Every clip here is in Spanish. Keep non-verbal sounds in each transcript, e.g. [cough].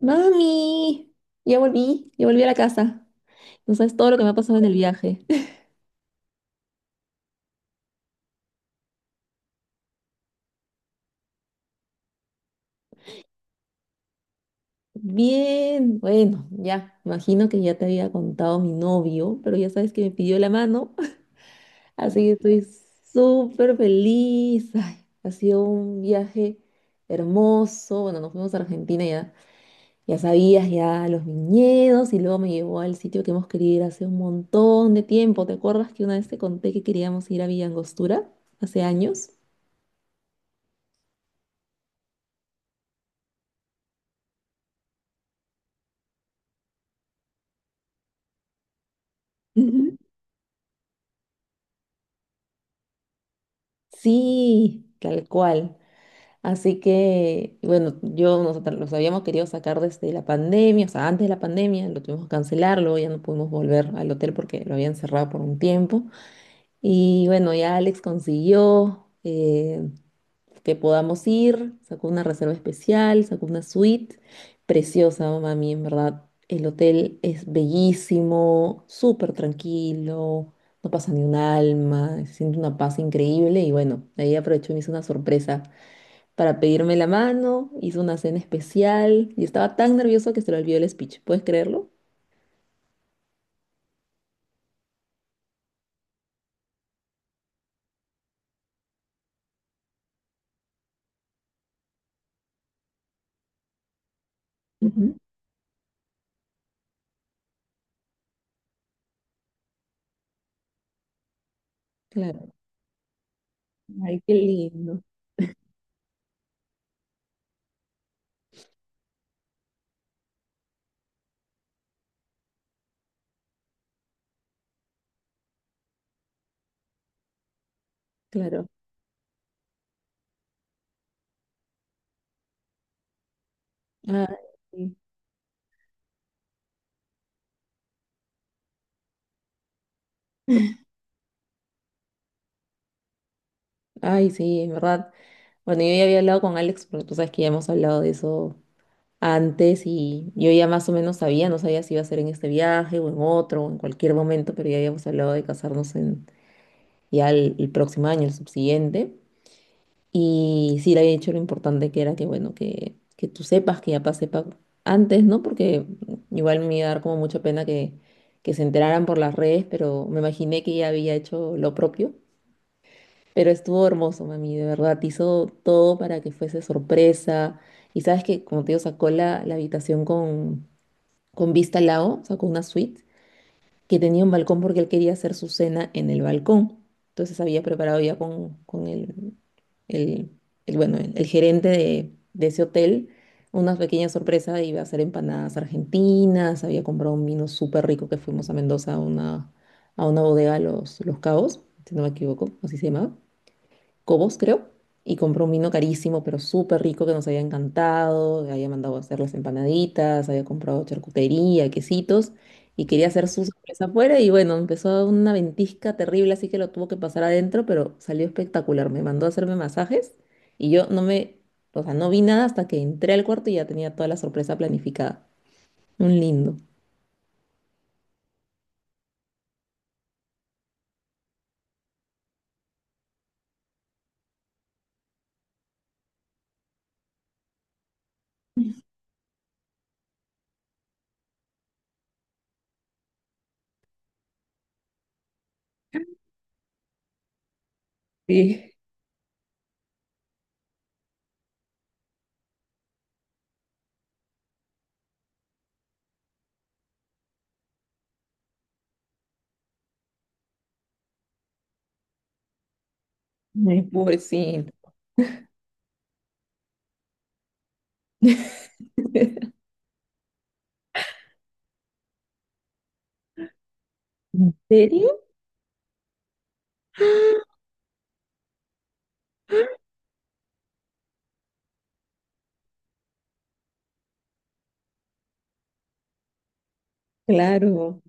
Mami, ya volví a la casa. No sabes todo lo que me ha pasado en el viaje. [laughs] Bien, bueno, ya, imagino que ya te había contado mi novio, pero ya sabes que me pidió la mano. [laughs] Así que estoy súper feliz. Ay, ha sido un viaje hermoso. Bueno, nos fuimos a Argentina. Ya, ya sabías, ya los viñedos, y luego me llevó al sitio que hemos querido ir hace un montón de tiempo. ¿Te acuerdas que una vez te conté que queríamos ir a Villa Angostura hace años? [laughs] Sí, tal cual. Así que, bueno, nosotros los habíamos querido sacar desde la pandemia, o sea, antes de la pandemia, lo tuvimos que cancelar, luego ya no pudimos volver al hotel porque lo habían cerrado por un tiempo. Y bueno, ya Alex consiguió, que podamos ir. Sacó una reserva especial, sacó una suite preciosa, mami, en verdad. El hotel es bellísimo, súper tranquilo, no pasa ni un alma, se siente una paz increíble, y bueno, ahí aprovechó y me hizo una sorpresa para pedirme la mano, hizo una cena especial y estaba tan nervioso que se le olvidó el speech, ¿puedes creerlo? Ujú. Claro, ay, qué lindo, claro. Ay, sí, ay, sí, en verdad. Bueno, yo ya había hablado con Alex, porque tú sabes que ya hemos hablado de eso antes, y yo ya más o menos sabía, no sabía si iba a ser en este viaje o en otro o en cualquier momento, pero ya habíamos hablado de casarnos en ya el próximo año, el subsiguiente. Y sí le había dicho lo importante que era que, bueno, que tú sepas, que ya sepa antes, ¿no? Porque igual me iba a dar como mucha pena que se enteraran por las redes, pero me imaginé que ya había hecho lo propio. Pero estuvo hermoso, mami, de verdad, hizo todo para que fuese sorpresa. Y sabes que, como te digo, sacó la habitación con vista al lago, sacó una suite que tenía un balcón porque él quería hacer su cena en el balcón. Entonces había preparado ya con el, bueno, el gerente de ese hotel una pequeña sorpresa, iba a hacer empanadas argentinas, había comprado un vino súper rico que fuimos a Mendoza a una bodega, a Los Cabos, si no me equivoco, así se llamaba. Cobos, creo, y compró un vino carísimo, pero súper rico que nos había encantado, había mandado a hacer las empanaditas, había comprado charcutería, quesitos, y quería hacer su sorpresa afuera, y bueno, empezó una ventisca terrible, así que lo tuvo que pasar adentro, pero salió espectacular, me mandó a hacerme masajes, y yo no me, o sea, no vi nada hasta que entré al cuarto y ya tenía toda la sorpresa planificada. Un lindo. Sí, ay, pobrecito. [laughs] ¿En serio? Claro.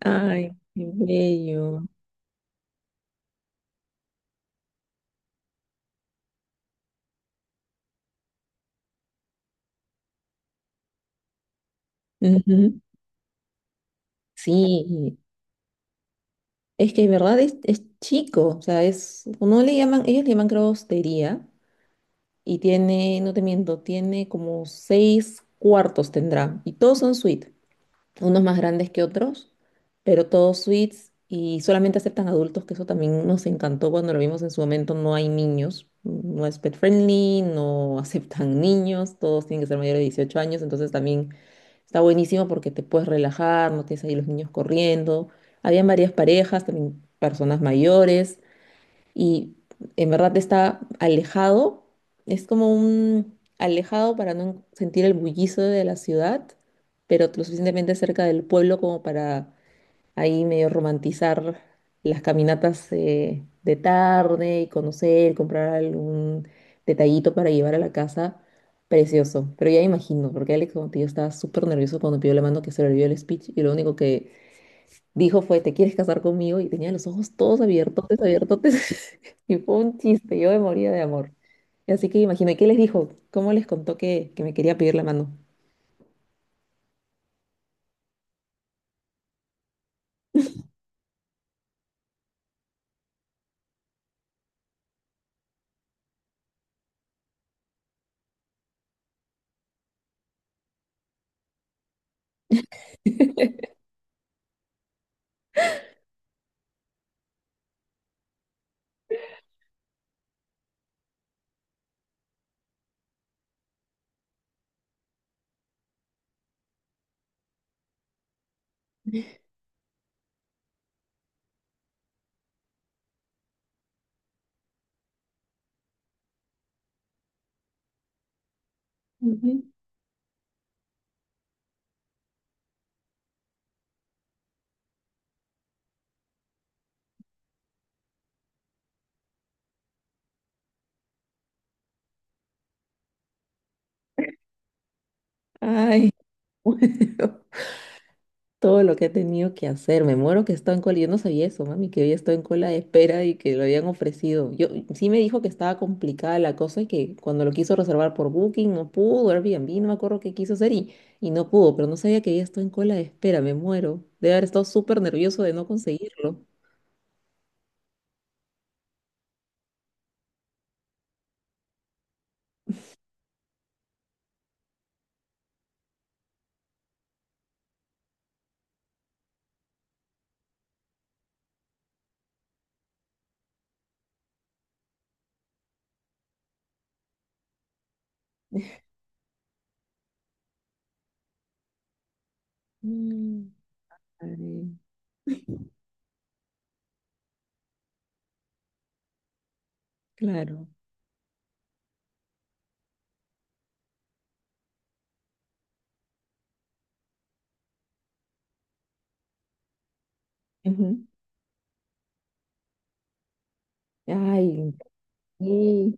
Ay, qué bello. Ujú. Sí, es que en verdad es chico, o sea, es, no le llaman, ellos le llaman creo hostería, y tiene, no te miento, tiene como seis cuartos tendrá, y todos son suite, unos más grandes que otros, pero todos suites, y solamente aceptan adultos, que eso también nos encantó cuando lo vimos en su momento, no hay niños, no es pet friendly, no [laughs] aceptan niños, todos tienen que ser mayores de 18 años, entonces también está buenísimo porque te puedes relajar, no tienes ahí los niños corriendo, habían varias parejas, también personas mayores, y en verdad está alejado. Es como un alejado para no sentir el bullicio de la ciudad, pero lo suficientemente cerca del pueblo como para ahí medio romantizar las caminatas, de tarde, y conocer, comprar algún detallito para llevar a la casa. Precioso, pero ya imagino, porque Alex, como te digo, estaba súper nervioso cuando pidió la mano que se le olvidó el speech, y lo único que dijo fue, ¿te quieres casar conmigo? Y tenía los ojos todos abiertotes, abiertotes. [laughs] Y fue un chiste, yo me moría de amor. Así que imagino, ¿y qué les dijo? ¿Cómo les contó que me quería pedir la mano? Ujú. Ay, [laughs] bueno, todo lo que he tenido que hacer. Me muero que estaba en cola. Yo no sabía eso, mami, que había estado en cola de espera y que lo habían ofrecido. Yo sí, me dijo que estaba complicada la cosa y que cuando lo quiso reservar por Booking no pudo, Airbnb, no me acuerdo qué quiso hacer y no pudo, pero no sabía que había estado en cola de espera. Me muero. Debe haber estado súper nervioso de no conseguirlo. Mm. Ay, claro. Ujú. Ay, sí.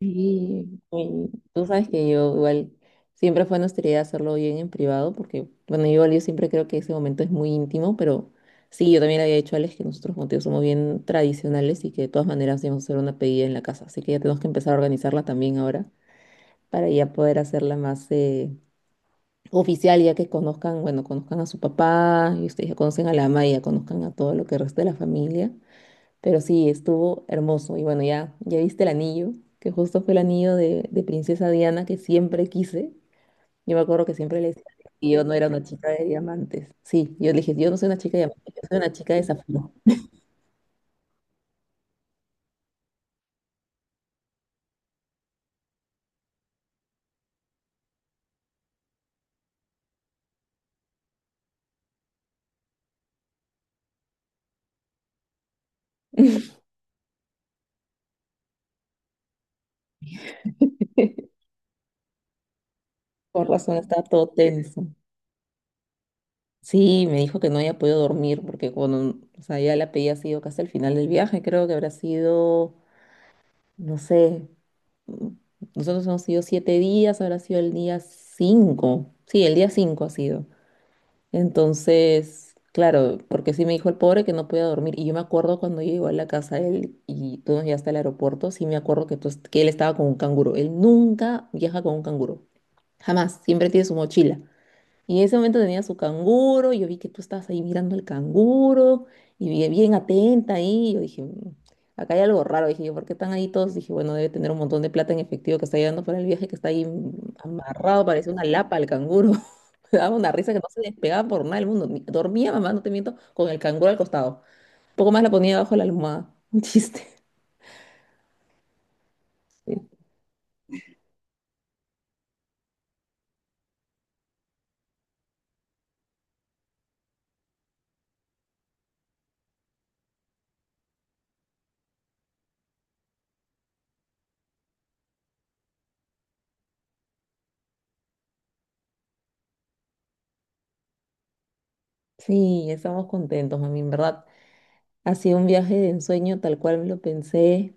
Sí, y tú sabes que yo igual siempre fue nuestra idea hacerlo bien en privado, porque bueno, yo, igual yo siempre creo que ese momento es muy íntimo, pero sí, yo también le había dicho a Alex que nosotros como tío somos bien tradicionales, y que de todas maneras íbamos a hacer una pedida en la casa, así que ya tenemos que empezar a organizarla también ahora para ya poder hacerla más oficial, ya que conozcan, bueno, conozcan a su papá y ustedes ya conocen a la mamá y ya conozcan a todo lo que resta de la familia. Pero sí, estuvo hermoso. Y bueno, ya, ya viste el anillo, que justo fue el anillo de princesa Diana que siempre quise. Yo me acuerdo que siempre le decía que yo no era una chica de diamantes. Sí, yo le dije, yo no soy una chica de diamantes, yo soy una chica de zafiro. [laughs] Por razón estaba todo tenso. Sí, me dijo que no había podido dormir porque cuando, o sea, ya la pedí ha sido casi al final del viaje, creo que habrá sido, no sé, mm, nosotros hemos sido 7 días, habrá sido el día 5. Sí, el día 5 ha sido. Entonces, claro, porque sí me dijo el pobre que no podía dormir. Y yo me acuerdo cuando yo llegó a la casa de él y tú nos llevaste al aeropuerto, sí me acuerdo que, que él estaba con un canguro. Él nunca viaja con un canguro. Jamás. Siempre tiene su mochila. Y en ese momento tenía su canguro, y yo vi que tú estabas ahí mirando al canguro, y bien atenta ahí, y yo dije, "Mm, acá hay algo raro", dije yo, ¿por qué están ahí todos? Dije, bueno, debe tener un montón de plata en efectivo que está llevando para el viaje, que está ahí, mm, amarrado, parece una lapa al canguro. [laughs] Me daba una risa que no se despegaba por nada del mundo. Dormía, mamá, no te miento, con el canguro al costado. Un poco más la ponía debajo de la almohada. [laughs] Un chiste. Sí, sí, estamos contentos, mami, en verdad. Ha sido un viaje de ensueño tal cual me lo pensé.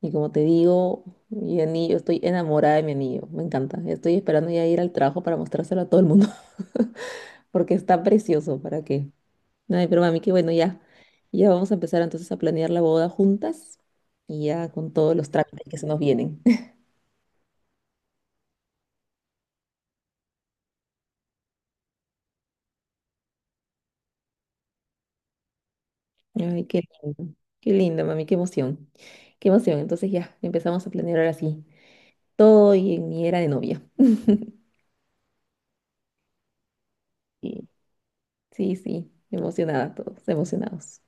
Y como te digo, mi anillo, estoy enamorada de mi anillo. Me encanta. Estoy esperando ya ir al trabajo para mostrárselo a todo el mundo. [laughs] Porque está precioso. ¿Para qué? Ay, pero mami, qué bueno, ya. Ya vamos a empezar entonces a planear la boda juntas. Y ya con todos los trámites que se nos vienen. [laughs] Ay, qué lindo. Qué lindo, mami. Qué emoción. Qué emoción. Entonces ya empezamos a planear ahora sí. Todo y en mi era de novia. [laughs] Y sí, sí, emocionada todos, emocionados.